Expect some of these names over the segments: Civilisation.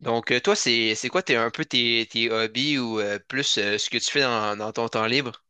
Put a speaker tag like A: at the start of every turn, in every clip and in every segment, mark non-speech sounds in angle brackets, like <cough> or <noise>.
A: Donc, toi, c'est quoi tes, un peu tes, tes hobbies ou plus ce que tu fais dans ton temps libre?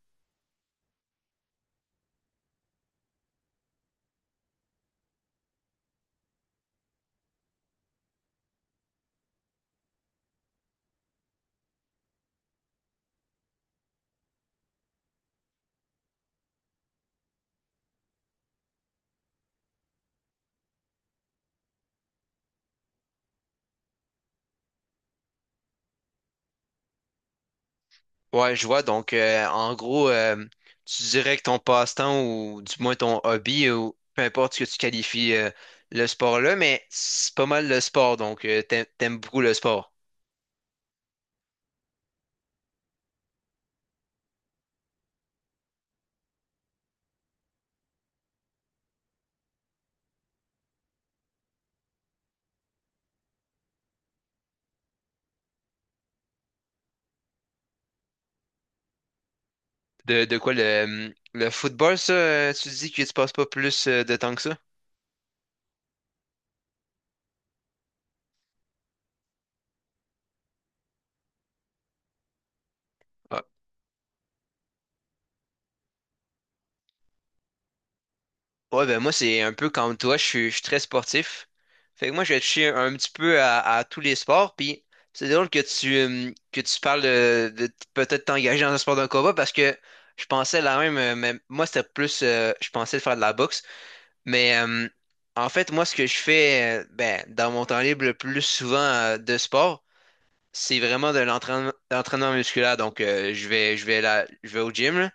A: Ouais, je vois. Donc, en gros, tu dirais que ton passe-temps ou du moins ton hobby ou peu importe ce que tu qualifies le sport là, mais c'est pas mal le sport. Donc, t'aimes beaucoup le sport. De quoi le football, ça, tu dis que tu passes pas plus de temps que ça? Ouais, ben moi, c'est un peu comme toi, je suis très sportif. Fait que moi, je touche un petit peu à tous les sports. Puis c'est drôle que que tu parles peut-être t'engager dans un sport de combat parce que je pensais la même, mais moi, c'était plus, je pensais de faire de la boxe. Mais en fait, moi, ce que je fais ben, dans mon temps libre le plus souvent de sport, c'est vraiment de l'entraînement, l'entraînement musculaire. Donc, je vais là, je vais au gym. Là.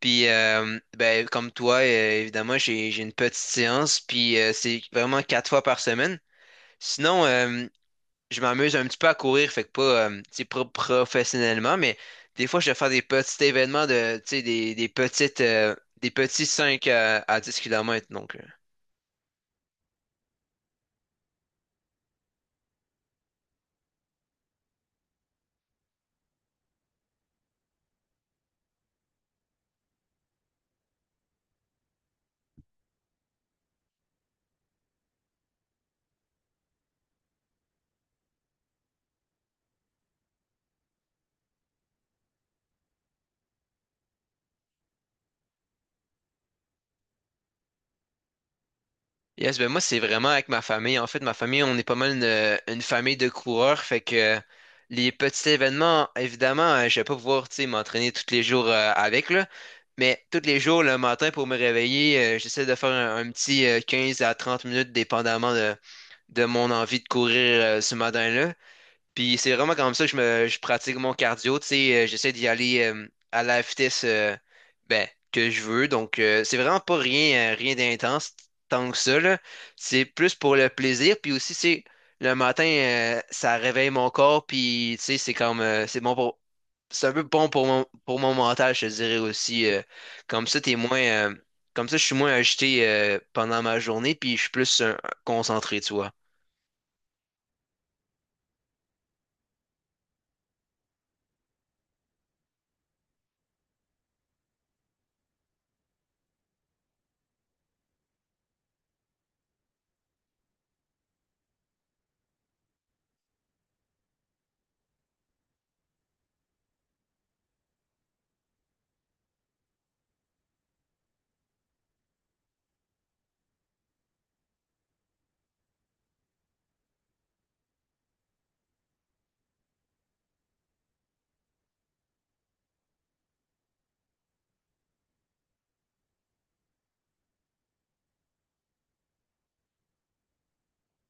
A: Puis, ben, comme toi, évidemment, j'ai une petite séance, puis c'est vraiment 4 fois par semaine. Sinon, je m'amuse un petit peu à courir, fait que pas, tu sais, pas professionnellement, mais des fois, je vais faire des petits événements de, tu sais, des petites, des petits 5 à 10 kilomètres donc. Yes, ben moi, c'est vraiment avec ma famille. En fait, ma famille, on est pas mal une famille de coureurs. Fait que les petits événements, évidemment, je vais pas pouvoir, tu sais, m'entraîner tous les jours avec, là. Mais tous les jours, le matin, pour me réveiller, j'essaie de faire un petit 15 à 30 minutes, dépendamment de mon envie de courir ce matin-là. Puis c'est vraiment comme ça que je pratique mon cardio. Tu sais, j'essaie d'y aller à la vitesse ben, que je veux. Donc c'est vraiment pas rien, rien d'intense tant que ça, là. C'est plus pour le plaisir. Puis aussi, c'est le matin, ça réveille mon corps. Puis tu sais, c'est comme c'est bon pour. C'est un peu bon pour pour mon mental, je te dirais aussi. Comme ça, t'es moins. Comme ça, je suis moins agité pendant ma journée, puis je suis plus concentré, tu vois.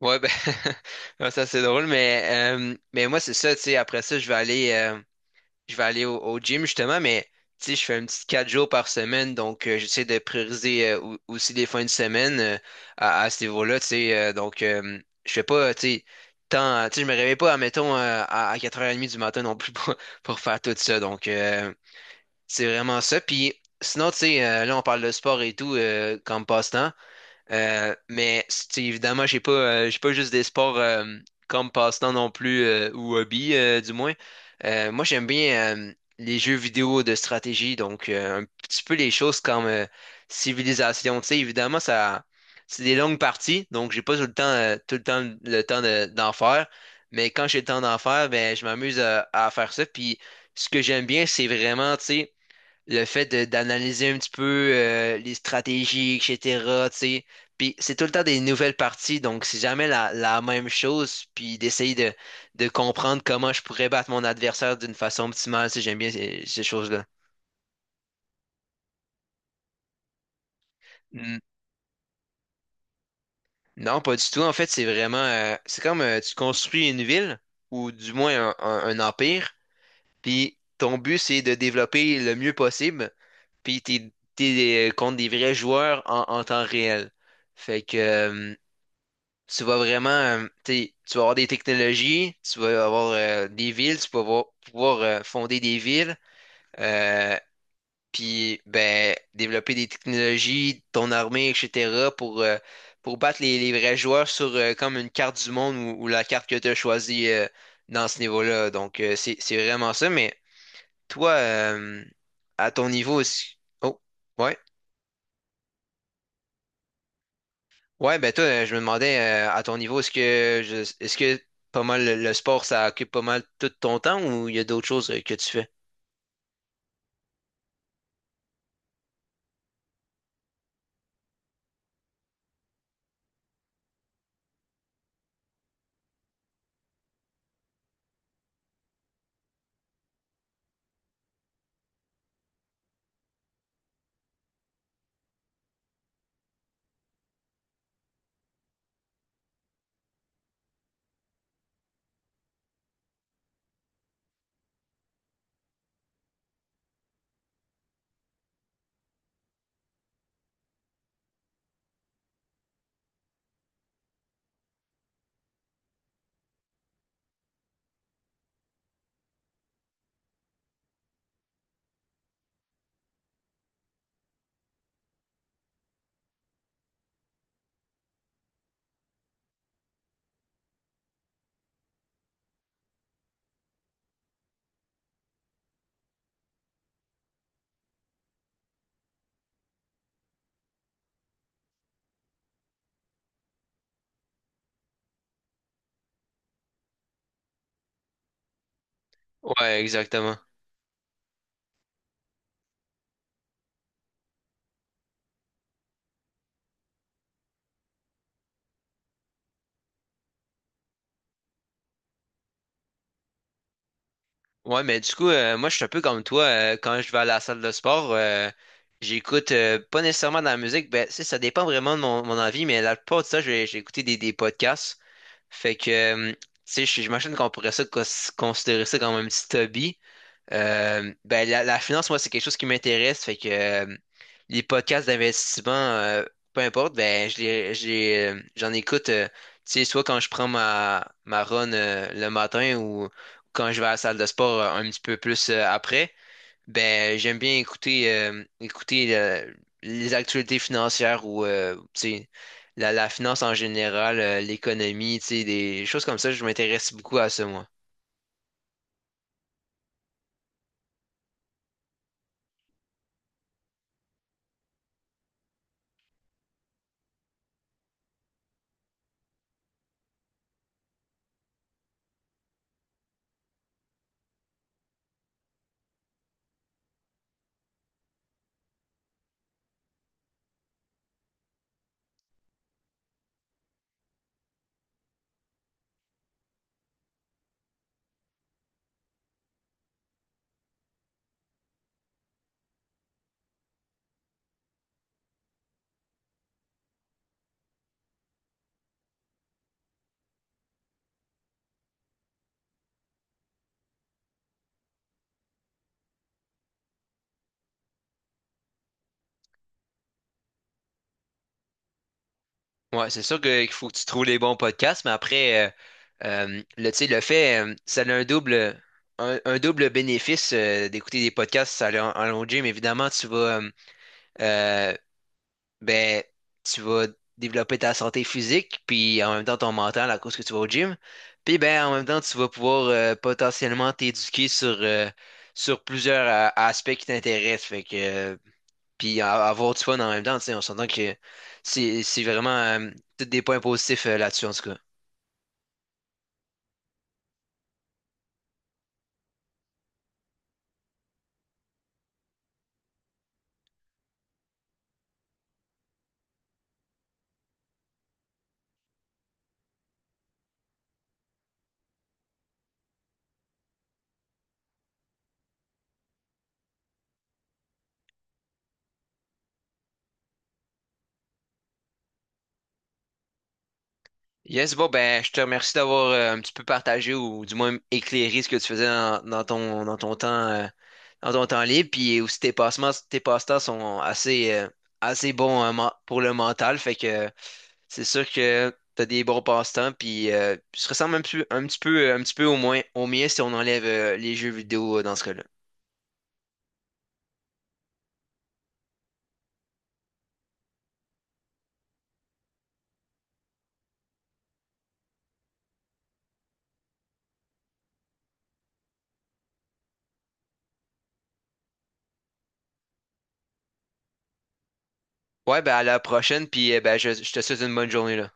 A: Ouais, ben, <laughs> ouais, ça c'est drôle, mais moi c'est ça, tu sais, après ça, je vais aller au gym justement, mais tu sais, je fais un petit 4 jours par semaine, donc j'essaie de prioriser aussi les fins de semaine à ce niveau-là, tu sais, je fais pas, tu sais, tant, tu sais, je me réveille pas, admettons, à 4h30 du matin non plus <laughs> pour faire tout ça, donc c'est vraiment ça, puis sinon, tu sais, là on parle de sport et tout comme passe-temps. Mais évidemment, j'ai pas juste des sports comme passe-temps non plus ou hobby, du moins. Moi, j'aime bien les jeux vidéo de stratégie, donc un petit peu les choses comme Civilisation. Tu sais, évidemment, ça, c'est des longues parties, donc j'ai pas tout le temps, tout le temps d'en faire. Mais quand j'ai le temps d'en faire, ben, je m'amuse à faire ça. Puis ce que j'aime bien, c'est vraiment, tu sais le fait d'analyser un petit peu les stratégies, etc. Tu sais. Puis c'est tout le temps des nouvelles parties, donc c'est jamais la même chose. Puis d'essayer de comprendre comment je pourrais battre mon adversaire d'une façon optimale, tu sais, j'aime bien ces choses-là. Mm. Non, pas du tout. En fait, c'est vraiment, c'est comme tu construis une ville ou du moins un empire. Puis ton but, c'est de développer le mieux possible. Puis t'es contre des vrais joueurs en temps réel. Fait que tu vas vraiment, t'sais, tu vas avoir des technologies, tu vas avoir des villes, pouvoir fonder des villes, euh, puis ben, développer des technologies, ton armée, etc., pour battre les vrais joueurs sur comme une carte du monde ou la carte que tu as choisie dans ce niveau-là. Donc, c'est vraiment ça. Mais toi, à ton niveau aussi. Oh, ouais? Ouais, ben toi, je me demandais à ton niveau, est-ce que pas mal le sport, ça occupe pas mal tout ton temps ou il y a d'autres choses que tu fais? Ouais, exactement. Ouais, mais du coup, moi, je suis un peu comme toi. Quand je vais à la salle de sport, j'écoute pas nécessairement de la musique. Ben, tu sais, ça dépend vraiment de mon envie, mais la plupart de ça, j'ai écouté des podcasts. Fait que, tu sais, j'imagine qu'on pourrait considérer ça comme un petit hobby. Ben, la finance, moi, c'est quelque chose qui m'intéresse. Fait que les podcasts d'investissement, peu importe, ben, je les, j'en écoute, tu sais, soit quand je prends ma run le matin ou quand je vais à la salle de sport un petit peu plus après. Ben, j'aime bien écouter les actualités financières tu sais, la finance en général, l'économie, tu sais, des choses comme ça. Je m'intéresse beaucoup à ça, moi. Ouais, c'est sûr qu'il faut que tu trouves les bons podcasts, mais après, le, tu sais, ça a un double bénéfice d'écouter des podcasts, ça allait en, en long gym. Évidemment, tu vas, euh, ben, tu vas développer ta santé physique, puis en même temps ton mental à cause que tu vas au gym. Puis ben, en même temps, tu vas pouvoir potentiellement t'éduquer sur, sur plusieurs aspects qui t'intéressent. Fait que puis avoir du fun en même temps, tu sais, on s'entend que c'est vraiment tous des points positifs là-dessus, en tout cas. Yes, bon, ben, je te remercie d'avoir un petit peu partagé ou du moins éclairé ce que tu faisais dans ton temps libre, puis aussi tes passements, tes passe-temps sont assez, assez bons pour le mental, fait que c'est sûr que t'as des bons passe-temps, puis tu te ressembles un petit peu au moins au mien si on enlève les jeux vidéo dans ce cas-là. Ouais, ben à la prochaine, puis ben, je te souhaite une bonne journée, là.